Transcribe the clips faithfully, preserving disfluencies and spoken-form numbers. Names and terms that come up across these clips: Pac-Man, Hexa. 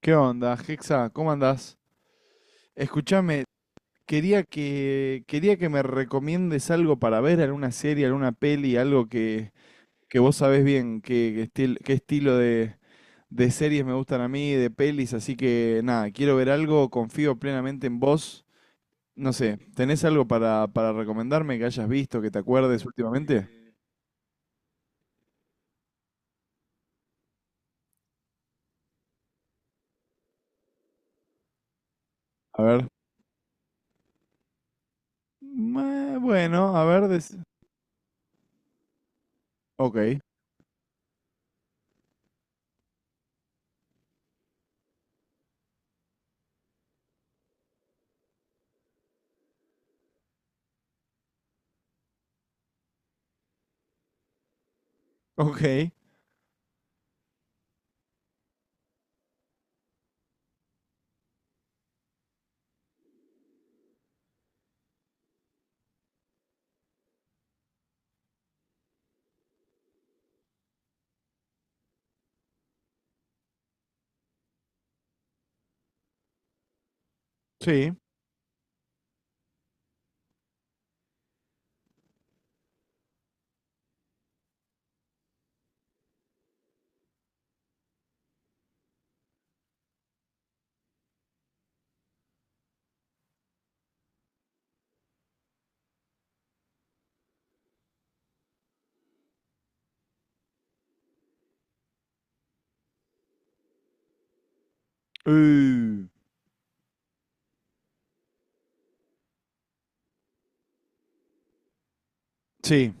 ¿Qué onda, Hexa? ¿Cómo andás? Escúchame, quería que, quería que me recomiendes algo para ver, alguna serie, alguna peli, algo que, que vos sabés bien qué, qué estil- qué estilo de, de series me gustan a mí, de pelis, así que nada, quiero ver algo, confío plenamente en vos. No sé, ¿tenés algo para, para recomendarme que hayas visto, que te acuerdes últimamente? A ver. Mm, eh, Bueno, a ver. des- Ok, ok, sí. Uh, sí.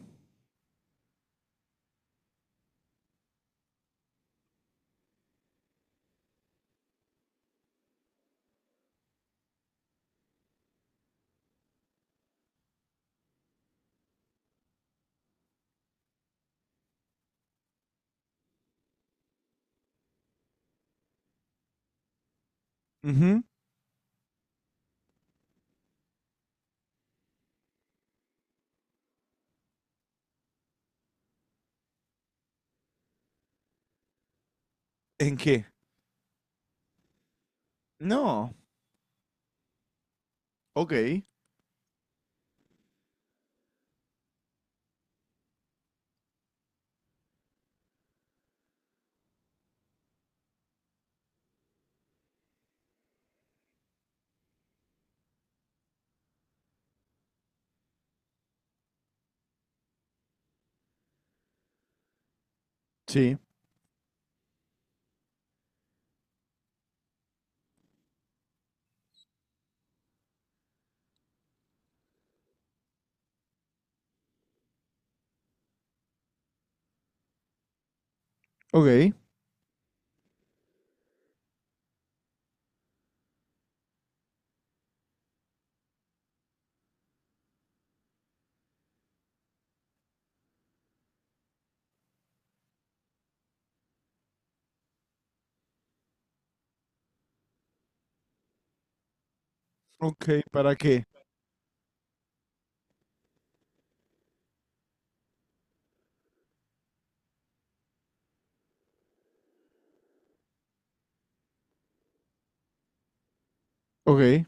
Ujú. ¿En qué? No. Ok. Sí. Ok. Ok. ¿Para qué? Ok.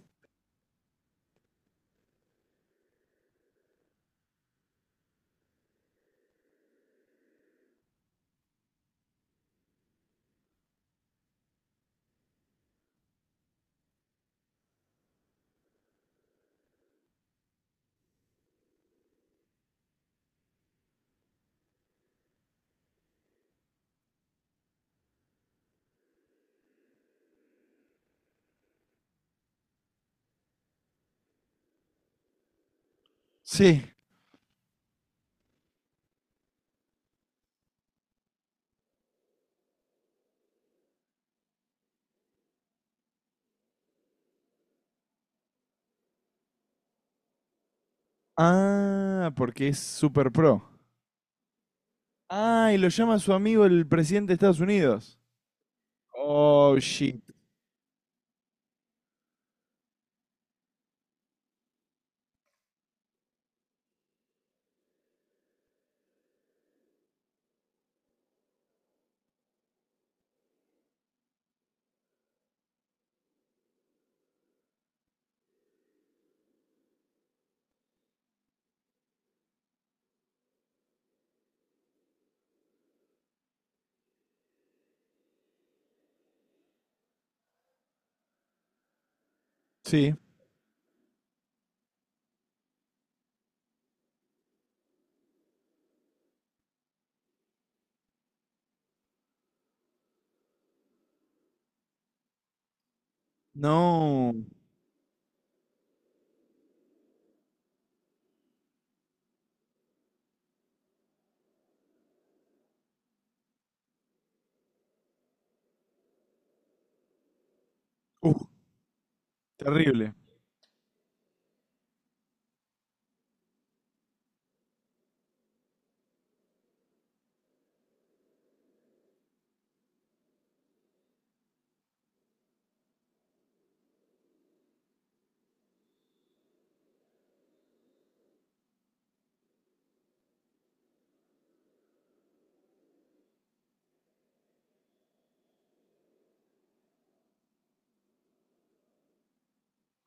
Sí. Ah, porque es super pro. Ah, y lo llama su amigo el presidente de Estados Unidos. Oh, shit. Sí. No. Uh, terrible.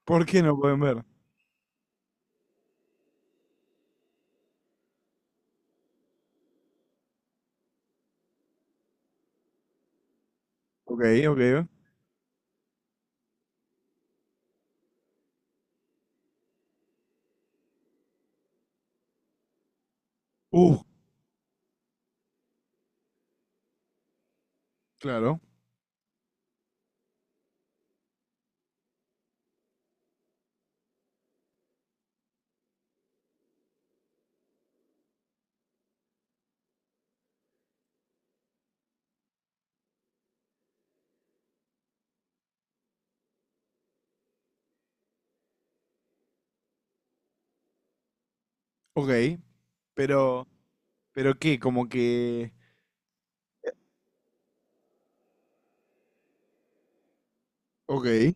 ¿Por qué no pueden ver? Ok, ok. Uh, claro. Ok. Pero, ¿pero qué? Como que... Ok.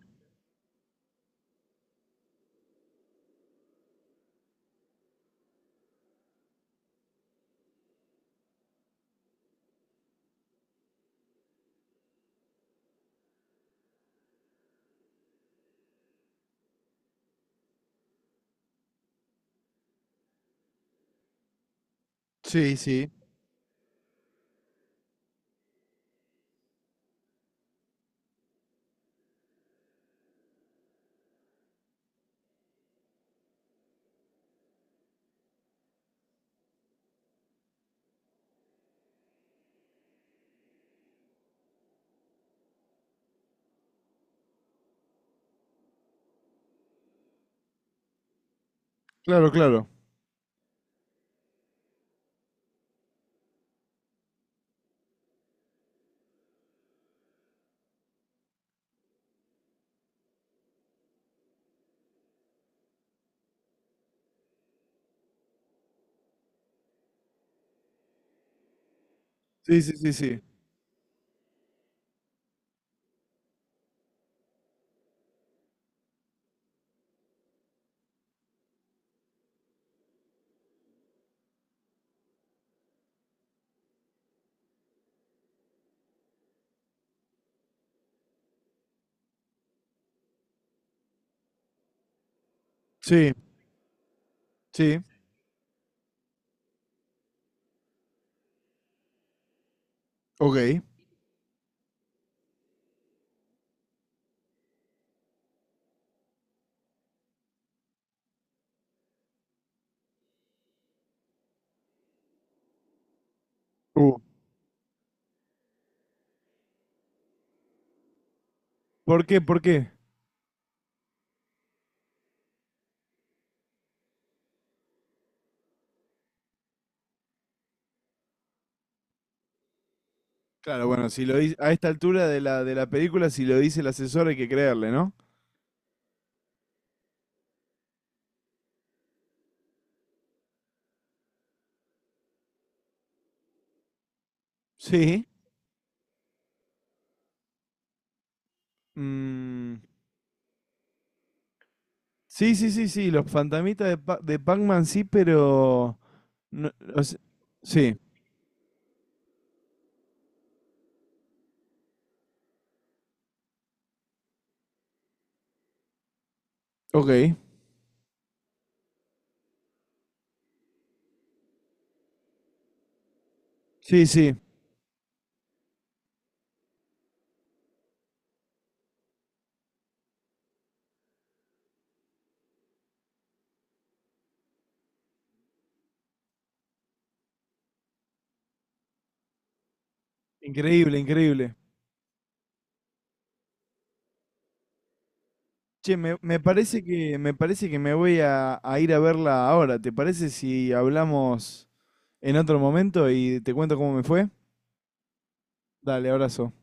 Sí, sí. Claro, claro. Sí, sí, sí, sí. Sí, sí. Ok. Uh. ¿Por qué? ¿Por qué? Claro, bueno, si lo dice, a esta altura de la, de la película, si lo dice el asesor hay que creerle, ¿no? Sí. Mm, sí, sí, sí, sí, los fantasmitas de, Pa- de Pac-Man sí, pero... no- o se- sí, ok. Sí, sí, increíble, increíble. Che, me, me parece que, me parece que me voy a, a ir a verla ahora. ¿Te parece si hablamos en otro momento y te cuento cómo me fue? Dale, abrazo.